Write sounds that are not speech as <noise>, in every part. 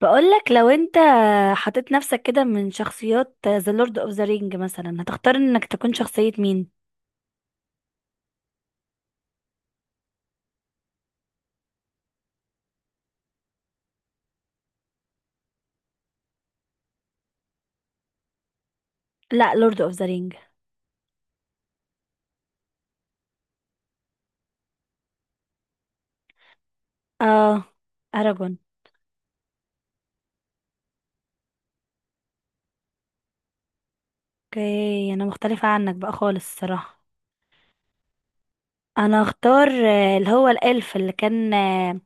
بقولك لو انت حطيت نفسك كده من شخصيات ذا لورد اوف ذا رينج مثلا هتختار انك تكون شخصية مين؟ لا لورد اوف ذا رينج. اه، اراجون. اوكي، انا مختلفة عنك بقى خالص الصراحة. انا اختار اللي هو الالف اللي كان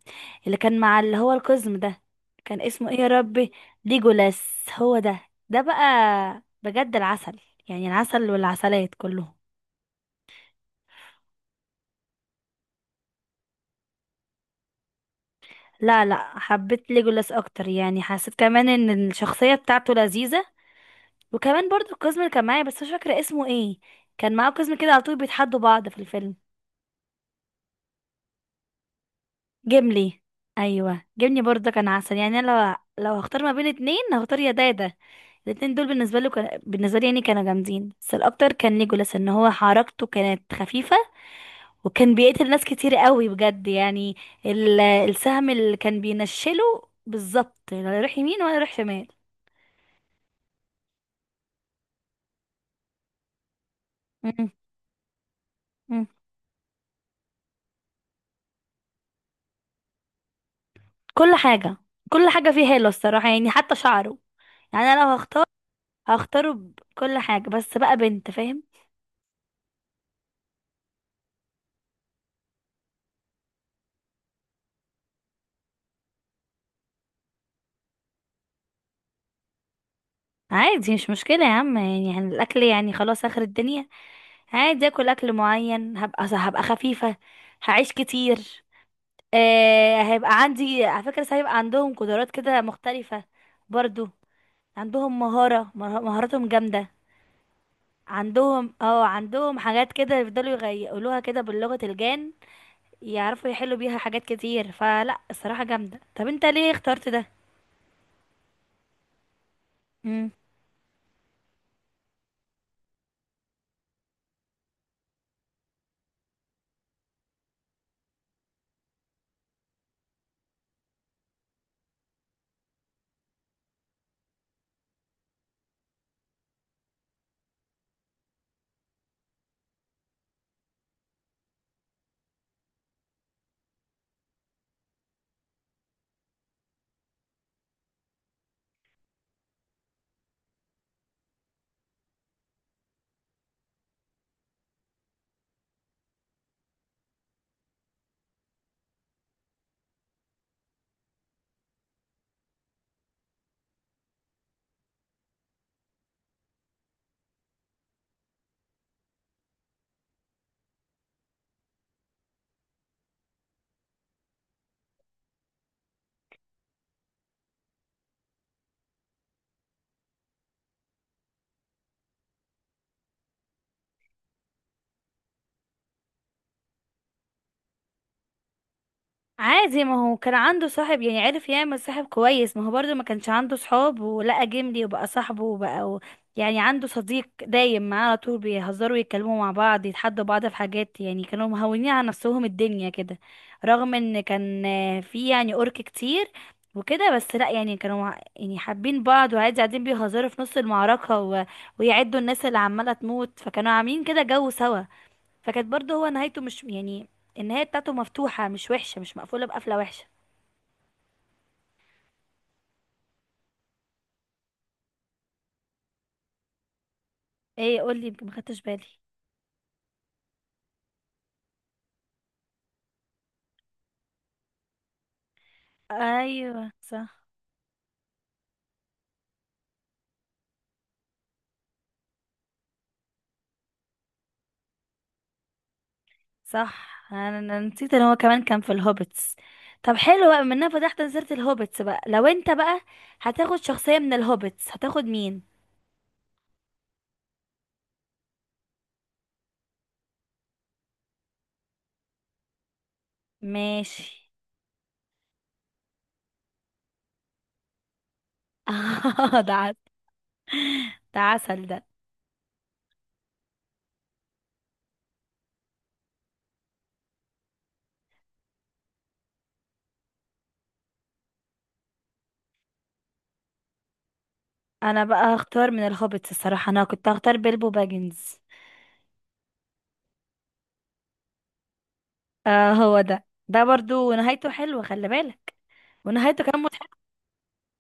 اللي كان مع اللي هو القزم ده. كان اسمه ايه يا ربي؟ ليجولاس، هو ده. ده بقى بجد العسل، يعني العسل والعسلات كلهم. لا لا، حبيت ليجولاس اكتر، يعني حسيت كمان ان الشخصيه بتاعته لذيذه. وكمان برضو القزم اللي كان معايا بس مش فاكره اسمه ايه. كان معاه قزم كده على طول بيتحدوا بعض في الفيلم. جيملي، ايوه جيملي، برضو كان عسل. يعني انا لو هختار ما بين اتنين هختار يا ده يا ده. الاتنين دول بالنسبه له كان... بالنسبه لي يعني كانوا جامدين، بس الاكتر كان ليجولاس، ان هو حركته كانت خفيفه. وكان بيقتل ناس كتير قوي بجد يعني. ال... السهم اللي كان بينشله بالظبط، لا يروح يمين ولا يروح شمال. مم. كل حاجة، كل حاجة فيه حلوة الصراحة، يعني حتى شعره. يعني انا لو هختار، هختاره بكل حاجة، بس بقى بنت، فاهم. عادي مش مشكلة يا عم يعني, يعني الاكل يعني خلاص اخر الدنيا. عادي اكل معين. هبقى خفيفة، هعيش كتير. آه، هيبقى عندي على فكرة، هيبقى عندهم قدرات كده مختلفة برضو. عندهم مهارة مهاراتهم جامدة. عندهم اه، عندهم حاجات كده يفضلوا يقولوها كده بلغة الجان. يعرفوا يحلوا بيها حاجات كتير، فلا الصراحة جامدة. طب انت ليه اخترت ده؟ مم. عادي، ما هو كان عنده صاحب، يعني عرف يعمل صاحب كويس. ما هو برضو ما كانش عنده صحاب، ولقى جملي وبقى صاحبه وبقى و... يعني عنده صديق دايم معاه على طول، بيهزروا، يتكلموا مع بعض، يتحدوا بعض في حاجات، يعني كانوا مهونين على نفسهم الدنيا كده. رغم ان كان في يعني أورك كتير وكده، بس لا يعني كانوا يعني حابين بعض، وعادي قاعدين بيهزروا في نص المعركة و... ويعدوا الناس اللي عمالة تموت. فكانوا عاملين كده جو سوا. فكانت برضه هو نهايته مش يعني، النهاية بتاعته مفتوحة، مش وحشة، مش مقفولة بقفلة وحشة. ايه قولي، يمكن ما خدتش بالي. ايوه صح، صح، انا نسيت ان هو كمان كان في الهوبتس. طب حلو بقى، منها فتحت نزلت الهوبتس بقى، لو انت بقى هتاخد شخصية من الهوبتس هتاخد مين؟ ماشي. <laughs> ده عسل. ده عسل ده. انا بقى هختار من الهوبتس، الصراحة انا كنت هختار بيلبو باجنز. اه هو ده، ده برضو نهايته حلوة خلي بالك. ونهايته كمان.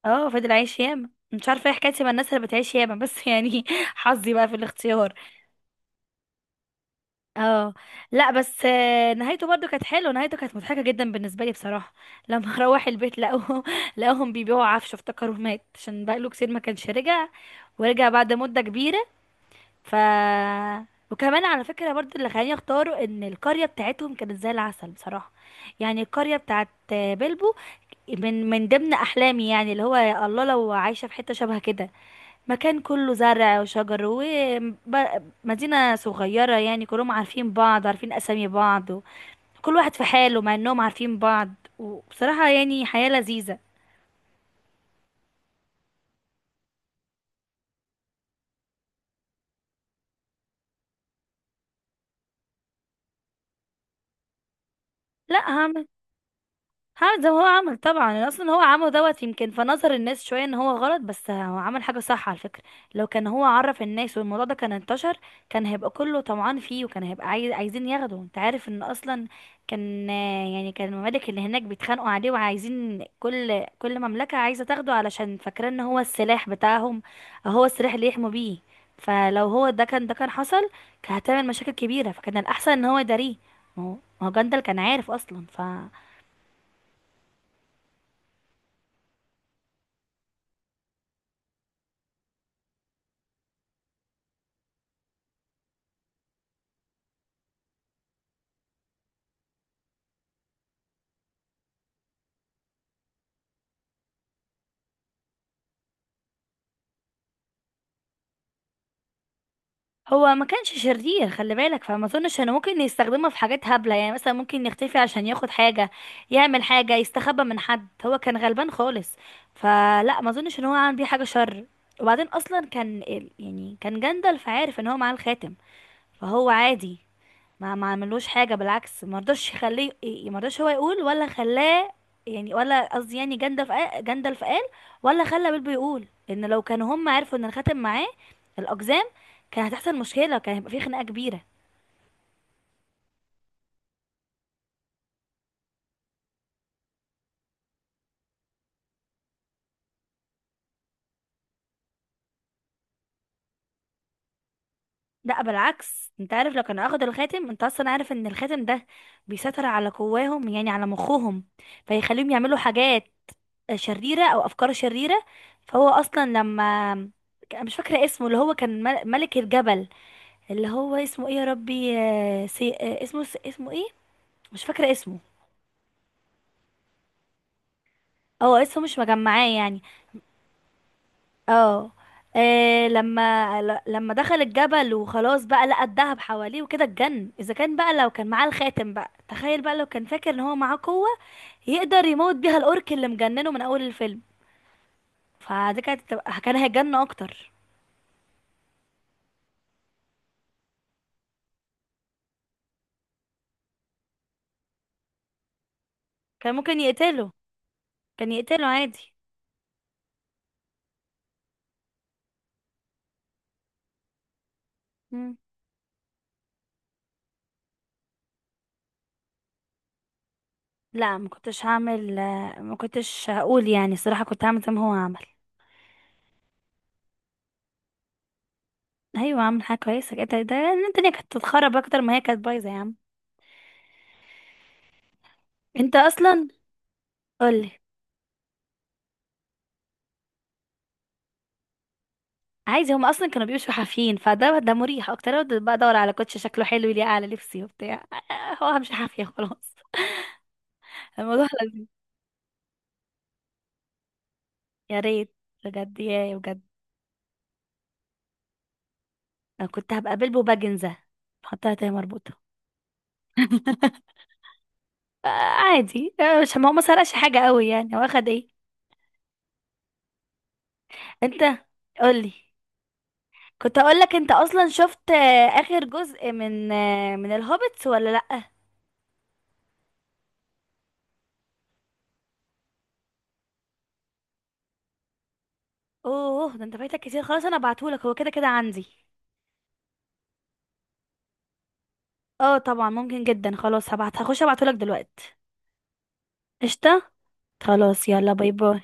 اه فضل عايش ياما، مش عارفه ايه حكايتي مع الناس اللي بتعيش ياما بس، <laughs> يعني حظي بقى في الاختيار. اه. لا بس نهايته برضو كانت حلوه، نهايته كانت مضحكه جدا بالنسبه لي بصراحه. لما <laughs> روح البيت لقوه، لقوهم بيبيعوا عفشه، افتكروا مات عشان بقاله كتير ما كانش رجع، ورجع بعد مده كبيره. ف... وكمان على فكرة برضو اللي خلاني اختاره ان القرية بتاعتهم كانت زي العسل بصراحة. يعني القرية بتاعت بلبو من ضمن احلامي، يعني اللي هو يا الله لو عايشة في حتة شبه كده، مكان كله زرع وشجر ومدينة صغيرة، يعني كلهم عارفين بعض، عارفين اسامي بعض و... كل واحد في حاله مع انهم عارفين بعض. وبصراحة يعني حياة لذيذة. لا، هعمل زي ما هو عمل طبعا. أنا اصلا هو عمله دوت، يمكن في نظر الناس شويه ان هو غلط، بس هو عمل حاجه صح على فكره. لو كان هو عرف الناس والموضوع ده كان انتشر، كان هيبقى كله طمعان فيه، وكان هيبقى عايزين ياخده. انت عارف ان اصلا كان يعني كان الممالك اللي هناك بيتخانقوا عليه وعايزين، كل مملكه عايزه تاخده علشان فاكره ان هو السلاح بتاعهم، أو هو السلاح اللي يحموا بيه. فلو هو ده كان، ده كان حصل كان هتعمل مشاكل كبيره، فكان الاحسن ان هو يداريه. ما هو، ما هو جندل كان عارف اصلا، ف... هو ما كانش شرير خلي بالك، فما اظنش انه ممكن يستخدمه في حاجات هبلة. يعني مثلا ممكن يختفي عشان ياخد حاجة، يعمل حاجة، يستخبى من حد، هو كان غلبان خالص. فلا ما اظنش ان هو عمل بيه حاجة شر. وبعدين اصلا كان يعني كان جندل فعارف ان هو معاه الخاتم، فهو عادي ما عملوش حاجه. بالعكس ما رضاش يخليه ما رضاش هو يقول ولا خلاه، يعني ولا قصدي يعني جندلف قال، ولا خلى بيلبو يقول، ان لو كانوا هم عرفوا ان الخاتم معاه الاقزام كان هتحصل مشكله وكان هيبقى في خناقه كبيره. لا بالعكس، انت عارف لو كانوا اخدوا الخاتم، انت اصلا عارف ان الخاتم ده بيسيطر على قواهم، يعني على مخهم، فيخليهم يعملوا حاجات شريره او افكار شريره. فهو اصلا لما، مش فاكره اسمه، اللي هو كان ملك الجبل، اللي هو اسمه ايه يا ربي؟ آه، سي... آه، اسمه، اسمه ايه؟ مش فاكره اسمه. اه اسمه مش مجمعاه يعني. اه. آه، لما لما دخل الجبل وخلاص بقى لقى الذهب حواليه وكده اتجن، اذا كان بقى لو كان معاه الخاتم بقى، تخيل بقى لو كان فاكر ان هو معاه قوه يقدر يموت بيها الاورك اللي مجننه من اول الفيلم. فدي كانت كان هيتجن اكتر. كان ممكن يقتله، كان يقتله عادي. مم. لا ما كنتش هعمل ما كنتش هقول، يعني الصراحه كنت هعمل زي ما هو عمل. ايوه، عامل حاجه كويسه كده، ده إن الدنيا كانت تتخرب اكتر ما هي كانت بايظه يا عم. انت اصلا، قولي. عايزه، هم اصلا كانوا بيمشوا حافيين، فده ده مريح اكتر. أنا بقى ادور على كوتش شكله حلو يليق على لبسي وبتاع. <laughs> هو همشي حافيه خلاص. <laughs> الموضوع لذيذ. يا ريت بجد، يا بجد. انا كنت هبقى بلبو باجنزه، حطها تاني مربوطه. آه، عادي، مش، ما هو ما سرقش حاجه قوي، يعني هو اخد ايه؟ انت، قولي. كنت اقول لك، انت اصلا شفت اخر جزء من آه، من الهوبيتس ولا لا؟ اوه، ده انت فايتك كتير. خلاص انا ابعتهولك، هو كده كده عندي. اه طبعا، ممكن جدا، خلاص هبعت، هخش ابعتهولك دلوقتي. قشطة. خلاص يلا باي باي.